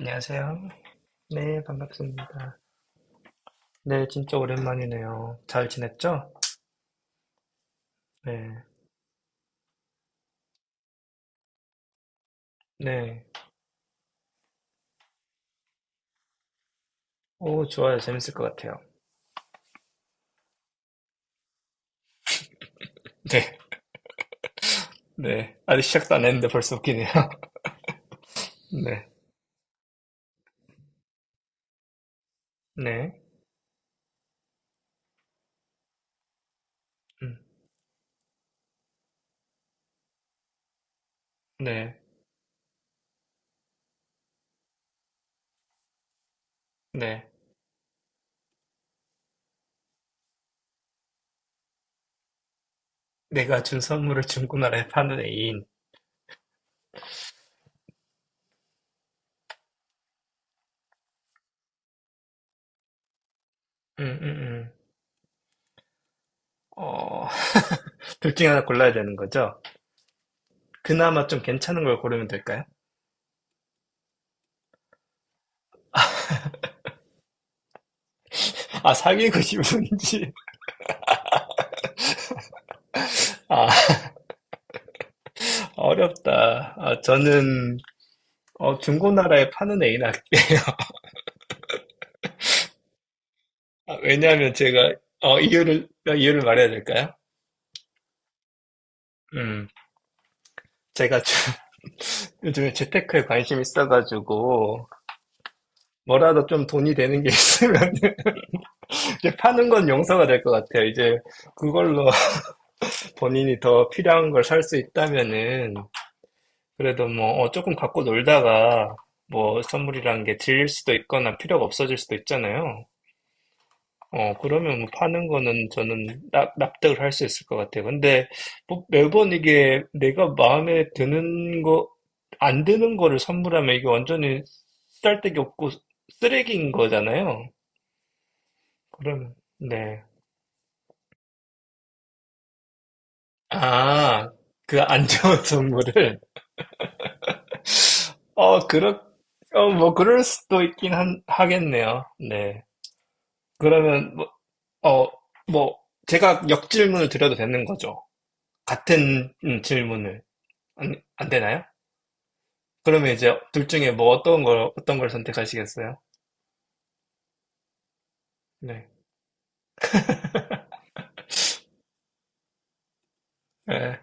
안녕하세요. 네, 반갑습니다. 네, 진짜 오랜만이네요. 잘 지냈죠? 네, 네. 오, 좋아요. 재밌을 것 같아요. 네, 네. 아직 시작도 안 했는데 벌써 웃기네요. 네, 네, 음, 네, 네. 내가 준 선물을 중고나라에 파는 애인. 음, 음, 음. 어, 둘 중에 하나 골라야 되는 거죠? 그나마 좀 괜찮은 걸 고르면 될까요? 아, 사귀고 싶은지. 아, 어렵다. 아, 저는, 중고나라에 파는 애인 할게요. 아, 왜냐하면 제가 이유를 말해야 될까요? 음, 제가 요즘에 재테크에 관심이 있어가지고 뭐라도 좀 돈이 되는 게 있으면 이제 파는 건 용서가 될 것 같아요. 이제 그걸로 본인이 더 필요한 걸 살 수 있다면은 그래도 뭐 조금 갖고 놀다가 뭐 선물이란 게 질릴 수도 있거나 필요가 없어질 수도 있잖아요. 그러면 뭐 파는 거는 저는 납득을 할 수 있을 것 같아요. 근데 뭐 매번 이게 내가 마음에 드는 거, 안 드는 거를 선물하면 이게 완전히 쓸데기 없고 쓰레기인 거잖아요. 그러면, 네. 아, 그 안 좋은 선물을. 어, 그렇, 뭐 그럴 수도 있긴 하겠네요. 네. 그러면, 어, 뭐, 제가 역질문을 드려도 되는 거죠. 같은 질문을. 안 되나요? 그러면 이제 둘 중에 뭐 어떤 걸 선택하시겠어요? 네. 네.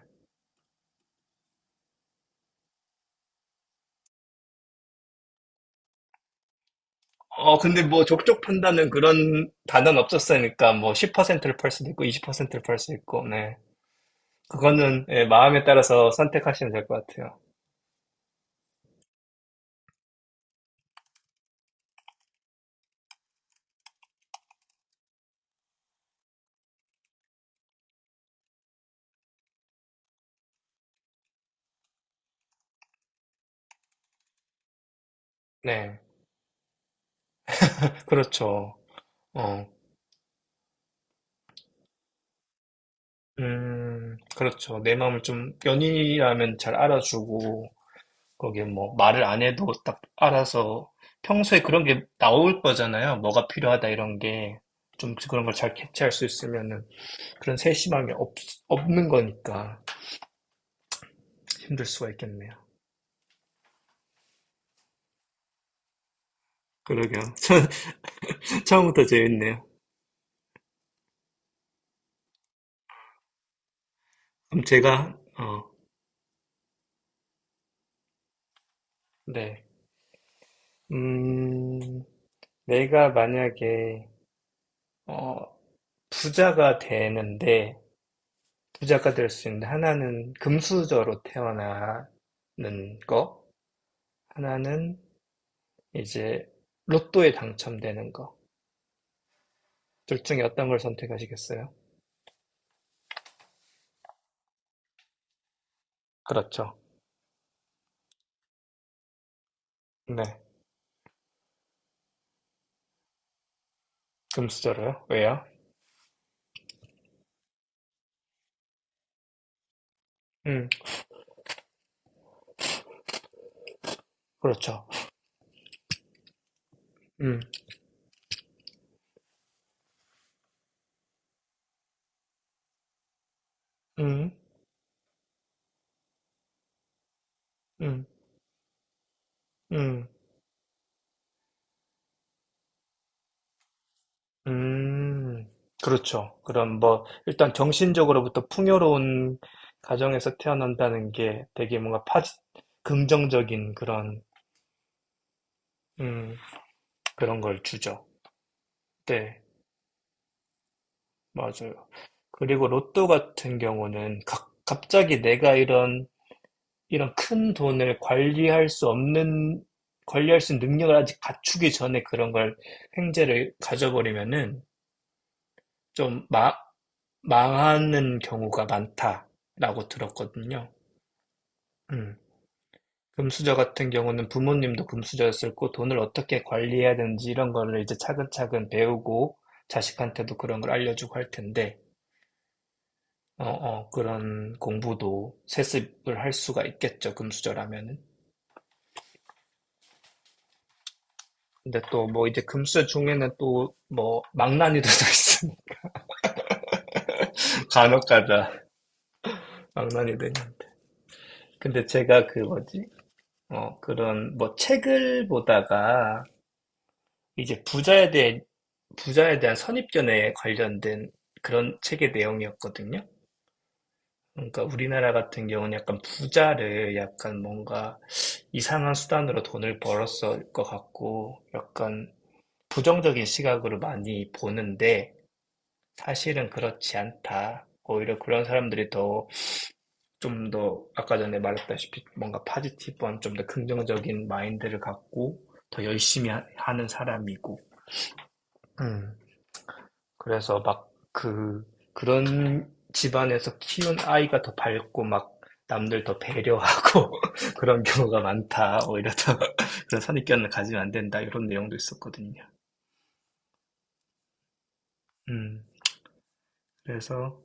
근데 뭐 족족 판다는 그런 단어는 없었으니까 뭐 10%를 팔 수도 있고 20%를 팔 수 있고, 네. 그거는 예, 마음에 따라서 선택하시면 될 것 같아요. 네. 그렇죠. 어, 그렇죠. 내 마음을 좀 연인이라면 잘 알아주고, 거기에 뭐 말을 안 해도 딱 알아서 평소에 그런 게 나올 거잖아요. 뭐가 필요하다 이런 게. 좀 그런 걸 잘 캐치할 수 있으면은 그런 세심함이 없는 거니까 힘들 수가 있겠네요. 그러게요. 처음부터 재밌네요. 그럼 제가, 네. 음, 내가 만약에, 어, 부자가 되는데, 부자가 될 수 있는데, 하나는 금수저로 태어나는 거, 하나는 이제 로또에 당첨되는 거. 둘 중에 어떤 걸 선택하시겠어요? 그렇죠. 네. 금수저로요? 왜요? 음, 그렇죠. 음, 음, 음, 음, 음. 그렇죠. 그럼 뭐, 일단 정신적으로부터 풍요로운 가정에서 태어난다는 게 되게 뭔가 긍정적인 그런, 음, 그런 걸 주죠. 네, 맞아요. 그리고 로또 같은 경우는 갑자기 내가 이런 큰 돈을 관리할 수 있는 능력을 아직 갖추기 전에 그런 걸 횡재를 가져버리면은 좀 망하는 경우가 많다라고 들었거든요. 음. 금수저 같은 경우는 부모님도 금수저였을 고 돈을 어떻게 관리해야 되는지 이런 거를 이제 차근차근 배우고 자식한테도 그런 걸 알려주고 할 텐데, 그런 공부도 세습을 할 수가 있겠죠, 금수저라면은. 근데 또 뭐 이제 금수 중에는 또 뭐 망나니도 또 있습니다. 간혹 가다 망나니도 있는데. 근데 제가 그 뭐지? 그런 뭐 책을 보다가 이제 부자에 대한 선입견에 관련된 그런 책의 내용이었거든요. 그러니까 우리나라 같은 경우는 약간 부자를 약간 뭔가 이상한 수단으로 돈을 벌었을 것 같고 약간 부정적인 시각으로 많이 보는데 사실은 그렇지 않다. 오히려 그런 사람들이 좀 더, 아까 전에 말했다시피 뭔가 파지티브한 좀 더 긍정적인 마인드를 갖고 더 열심히 하는 사람이고. 음. 그래서 막 그런 집안에서 키운 아이가 더 밝고 막 남들 더 배려하고 그런 경우가 많다. 오히려 더 그런 선입견을 가지면 안 된다. 이런 내용도 있었거든요. 음. 그래서,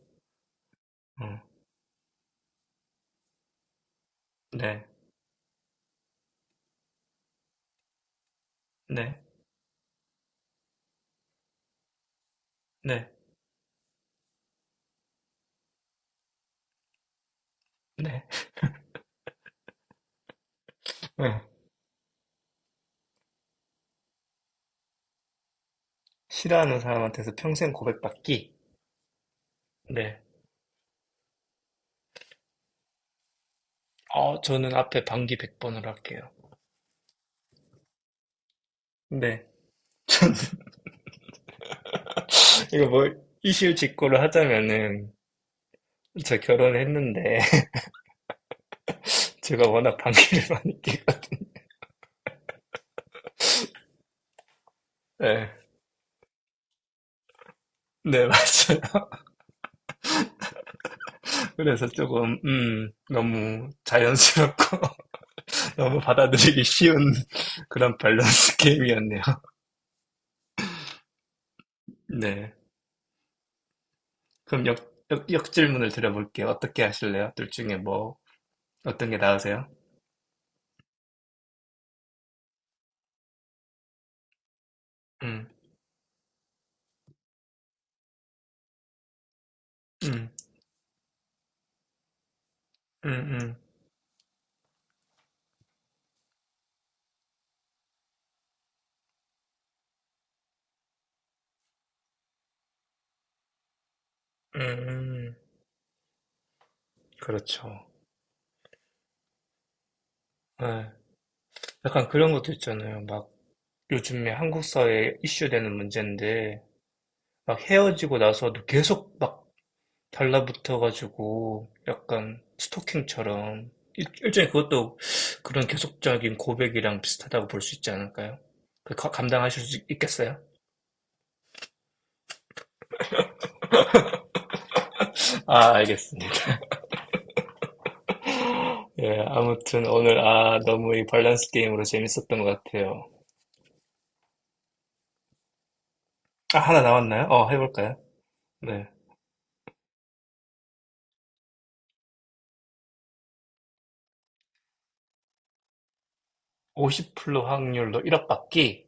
어, 네, 네, 네, 네. 네. 싫어하는 사람한테서 평생 고백받기? 네. 저는 앞에 반기 100번을 할게요. 네. 저는, 이거 뭐, 이실 직고를 하자면은, 저 결혼했는데, 제가 워낙 반기를 많이 끼고, 네. 네, 맞아요. 그래서 조금, 너무 자연스럽고, 너무 받아들이기 쉬운 그런 밸런스 게임이었네요. 네. 그럼 역질문을 드려볼게요. 어떻게 하실래요? 둘 중에 뭐, 어떤 게 나으세요? 음, 음, 음, 음. 음, 그렇죠. 예. 약간 그런 것도 있잖아요. 막 요즘에 한국 사회에 이슈되는 문제인데, 막 헤어지고 나서도 계속 막 달라붙어가지고, 약간 스토킹처럼, 일종의 그것도 그런 계속적인 고백이랑 비슷하다고 볼 수 있지 않을까요? 그 감당하실 수 있겠어요? 아, 알겠습니다. 예, 아무튼 오늘, 아, 너무 이 밸런스 게임으로 재밌었던 것 같아요. 아, 하나 나왔나요? 해볼까요? 네. 50% 확률로 1억 받기.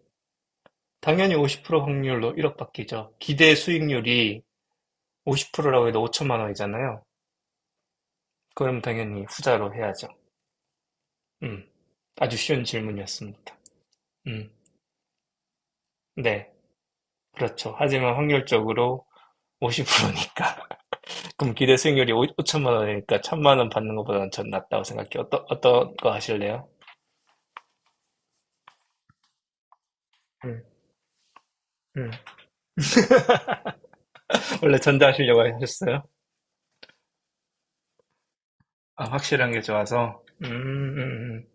당연히 50% 확률로 1억 받기죠. 기대 수익률이 오십 라고 해도 5천만 원이잖아요. 그럼 당연히 후자로 해야죠. 음, 아주 쉬운 질문이었습니다. 음, 네, 그렇죠. 하지만 확률적으로 50%니까. 그럼 기대 수익률이 5, 천만 원이니까 천만 원 받는 것보다는 전 낫다고 생각해요. 어떤 거 하실래요? 음, 음. 원래 전자 하시려고 하셨어요? 아, 확실한 게 좋아서.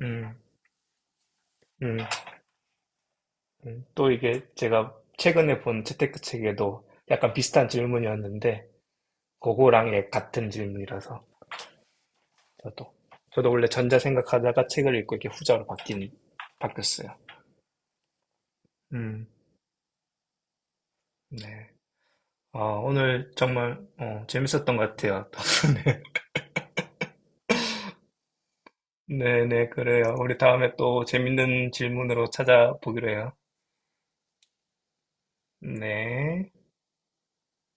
음, 음, 음. 또 이게 제가 최근에 본 재테크책에도 약간 비슷한 질문이었는데, 그거랑 예, 같은 질문이라서, 저도. 저도 원래 전자 생각하다가 책을 읽고 이렇게 후자로 바뀌었어요. 음, 네. 오늘 정말, 재밌었던 것 같아요. 네. 네네, 그래요. 우리 다음에 또 재밌는 질문으로 찾아보기로 해요. 네.